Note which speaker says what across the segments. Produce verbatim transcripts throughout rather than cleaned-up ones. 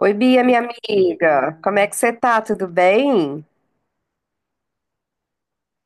Speaker 1: Oi, Bia, minha amiga. Como é que você tá? Tudo bem?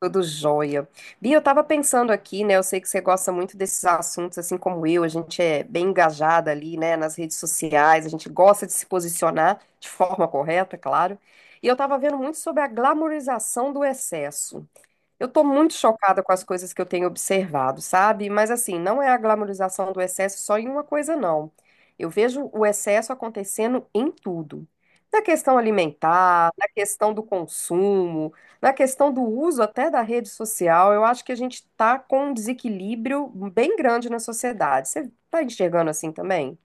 Speaker 1: Tudo jóia. Bia, eu tava pensando aqui, né? Eu sei que você gosta muito desses assuntos, assim como eu. A gente é bem engajada ali, né? Nas redes sociais, a gente gosta de se posicionar de forma correta, é claro. E eu tava vendo muito sobre a glamorização do excesso. Eu tô muito chocada com as coisas que eu tenho observado, sabe? Mas assim, não é a glamorização do excesso só em uma coisa, não. Eu vejo o excesso acontecendo em tudo. Na questão alimentar, na questão do consumo, na questão do uso até da rede social, eu acho que a gente tá com um desequilíbrio bem grande na sociedade. Você tá enxergando assim também?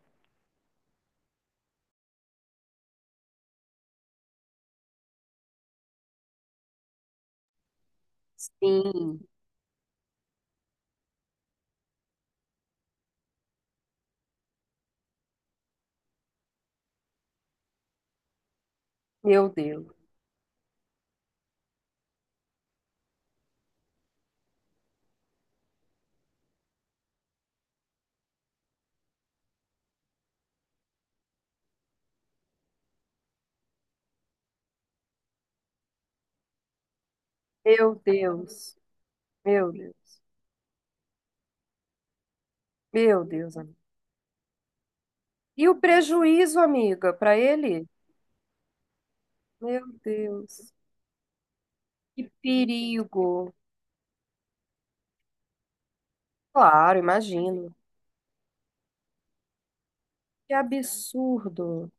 Speaker 1: Sim, meu Deus, meu Deus, meu Deus, meu Deus, amiga. E o prejuízo, amiga, para ele? Meu Deus. Que perigo. Claro, imagino. Que absurdo.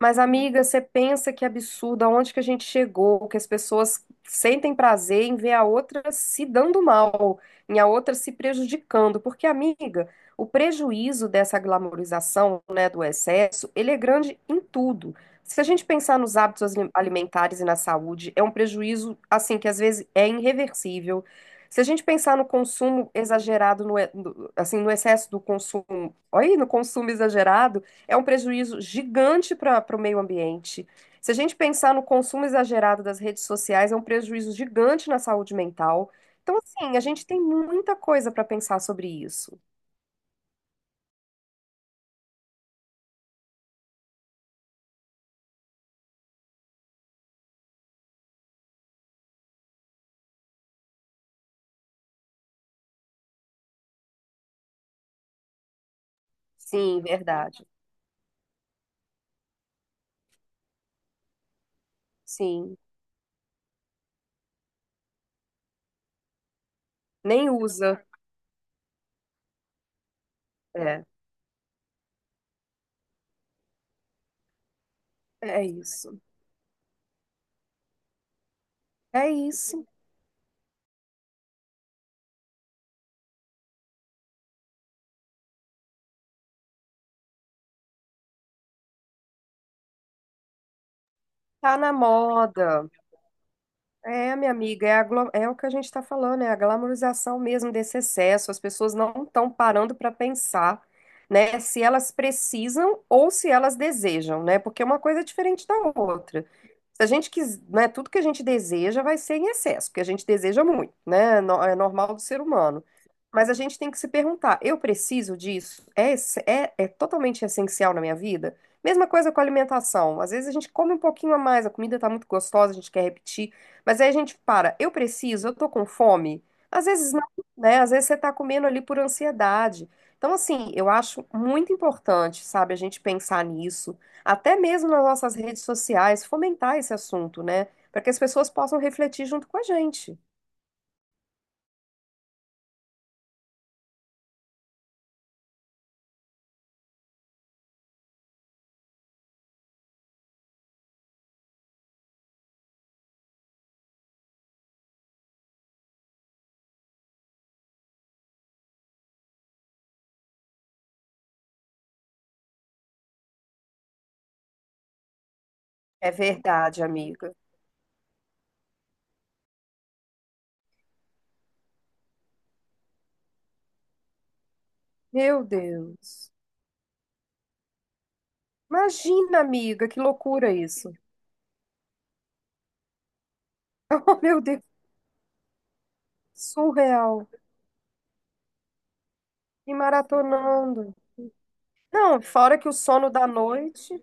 Speaker 1: Mas, amiga, você pensa que absurdo, aonde que a gente chegou, que as pessoas sentem prazer em ver a outra se dando mal, em a outra se prejudicando, porque, amiga, o prejuízo dessa glamorização, né, do excesso, ele é grande em tudo. Se a gente pensar nos hábitos ali- alimentares e na saúde, é um prejuízo, assim, que às vezes é irreversível. Se a gente pensar no consumo exagerado, no, e- no- assim, no excesso do consumo, olha aí, no consumo exagerado, é um prejuízo gigante para o meio ambiente. Se a gente pensar no consumo exagerado das redes sociais, é um prejuízo gigante na saúde mental. Então, assim, a gente tem muita coisa para pensar sobre isso. Sim, verdade. Sim. Nem usa. É, é isso. É isso. Tá na moda. É, minha amiga, é, a glo- é o que a gente está falando, é a glamorização mesmo desse excesso. As pessoas não estão parando para pensar, né, se elas precisam ou se elas desejam, né? Porque é uma coisa é diferente da outra. Se a gente quis, né, tudo que a gente deseja vai ser em excesso, porque a gente deseja muito, né? é no- É normal do ser humano. Mas a gente tem que se perguntar, eu preciso disso? É, esse- é, é totalmente essencial na minha vida? Mesma coisa com a alimentação. Às vezes a gente come um pouquinho a mais, a comida está muito gostosa, a gente quer repetir. Mas aí a gente para, eu preciso, eu tô com fome. Às vezes não, né? Às vezes você tá comendo ali por ansiedade. Então, assim, eu acho muito importante, sabe, a gente pensar nisso, até mesmo nas nossas redes sociais, fomentar esse assunto, né? Para que as pessoas possam refletir junto com a gente. É verdade, amiga. Meu Deus. Imagina, amiga, que loucura isso. Oh, meu Deus, surreal. E maratonando. Não, fora que o sono da noite.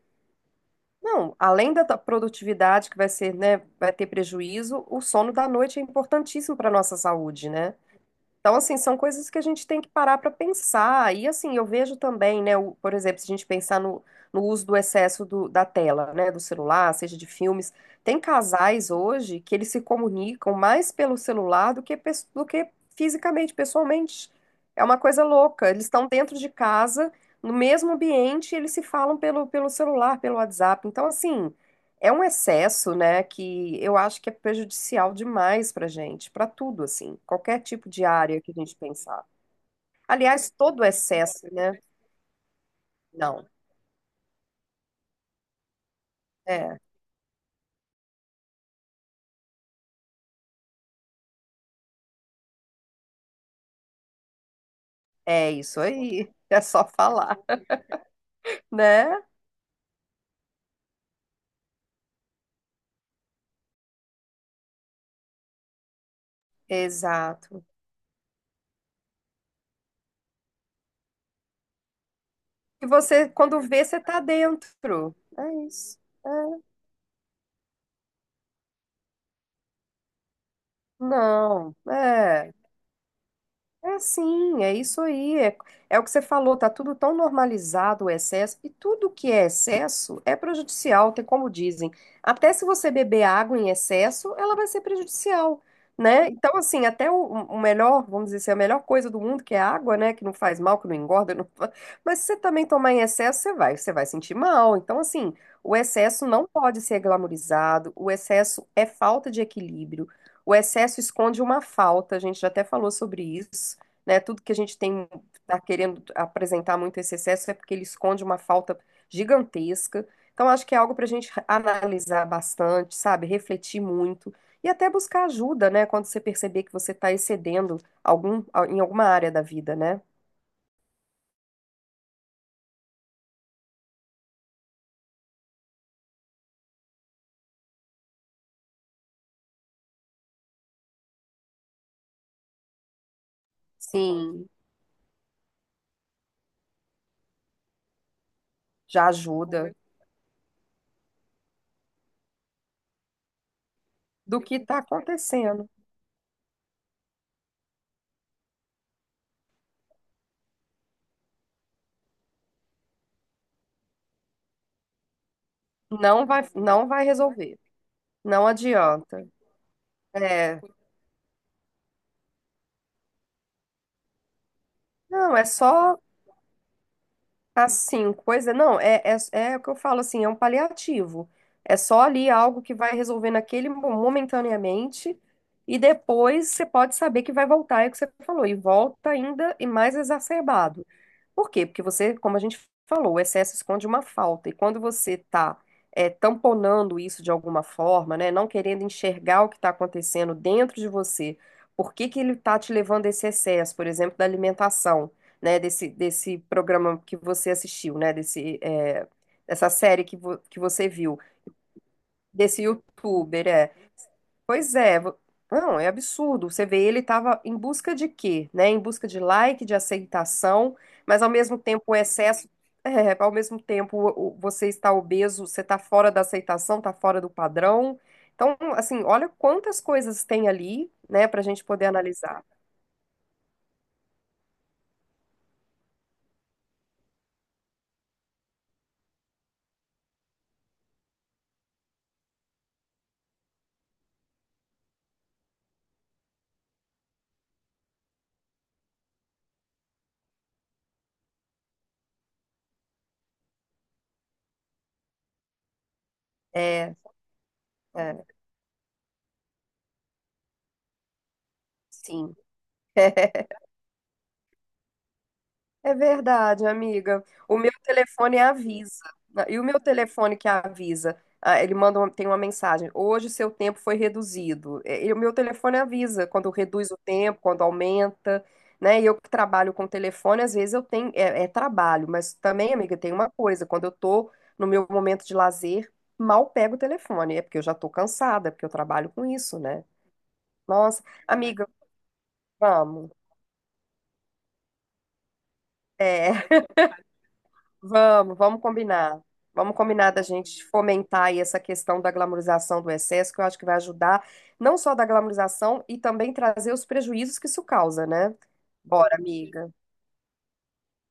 Speaker 1: Não, além da ta- produtividade que vai ser, né, vai ter prejuízo, o sono da noite é importantíssimo para a nossa saúde, né? Então, assim, são coisas que a gente tem que parar para pensar. E, assim, eu vejo também, né, o- por exemplo, se a gente pensar no, no uso do excesso do- da tela, né, do celular, seja de filmes, tem casais hoje que eles se comunicam mais pelo celular do que, pes- do que fisicamente, pessoalmente. É uma coisa louca. Eles estão dentro de casa, no mesmo ambiente, e eles se falam pelo, pelo celular, pelo WhatsApp. Então, assim. É um excesso, né, que eu acho que é prejudicial demais para gente, para tudo, assim, qualquer tipo de área que a gente pensar. Aliás, todo excesso, né? Não, é, é isso aí, é só falar, né? Exato. E você, quando vê, você tá dentro. É isso. É. Não, é. É sim, é isso aí. É, é o que você falou, tá tudo tão normalizado o excesso, e tudo que é excesso é prejudicial, tem como dizem. Até se você beber água em excesso, ela vai ser prejudicial, né? Então, assim, até o, o melhor, vamos dizer assim, a melhor coisa do mundo, que é a água, né? Que não faz mal, que não engorda, não... fa- mas se você também tomar em excesso, você vai, você vai sentir mal. Então, assim, o excesso não pode ser glamourizado, o excesso é falta de equilíbrio. O excesso esconde uma falta, a gente já até falou sobre isso né? Tudo que a gente tem está querendo apresentar muito esse excesso é porque ele esconde uma falta gigantesca. Então, acho que é algo para a gente analisar bastante, sabe? Refletir muito e até buscar ajuda, né? Quando você perceber que você está excedendo algum, em alguma área da vida, né? Sim, já ajuda. Do que está acontecendo. Não vai, não vai resolver. Não adianta. É, não, é só assim, coisa. Não, é, é, é o que eu falo assim, é um paliativo. É só ali algo que vai resolver naquele mo- momentaneamente, e depois você pode saber que vai voltar, é o que você falou, e volta ainda e mais exacerbado. Por quê? Porque você, como a gente falou, o excesso esconde uma falta. E quando você está tamponando isso de alguma forma, né, não querendo enxergar o que está acontecendo dentro de você, por que que ele está te levando a esse excesso, por exemplo, da alimentação, né, desse, desse programa que você assistiu, né, desse, é, essa série que, vo- que você viu. Desse youtuber, é. Pois é, vo- não, é absurdo. Você vê, ele estava em busca de quê, né? Em busca de like, de aceitação, mas ao mesmo tempo o excesso, é, ao mesmo tempo o- o- você está obeso, você está fora da aceitação, está fora do padrão. Então, assim, olha quantas coisas tem ali, né, para a gente poder analisar. É, é, sim. É verdade, amiga. O meu telefone avisa. Né? E o meu telefone que avisa? Ah, ele manda uma- tem uma mensagem. Hoje seu tempo foi reduzido. E e o meu telefone avisa quando reduz o tempo, quando aumenta, né? E eu que trabalho com telefone, às vezes eu tenho é, é trabalho, mas também, amiga, tem uma coisa. Quando eu tô no meu momento de lazer, mal pego o telefone. É porque eu já tô cansada, porque eu trabalho com isso, né? Nossa, amiga, vamos. É. Vamos, vamos combinar. Vamos combinar da gente fomentar aí essa questão da glamorização do excesso, que eu acho que vai ajudar não só da glamorização e também trazer os prejuízos que isso causa, né? Bora, amiga.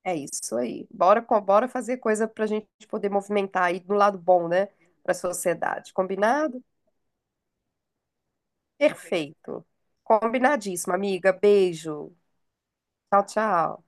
Speaker 1: É isso aí. Bora, co- bora fazer coisa para a gente poder movimentar aí do lado bom, né? Para a sociedade. Combinado? Perfeito. Combinadíssimo, amiga. Beijo. Tchau, tchau.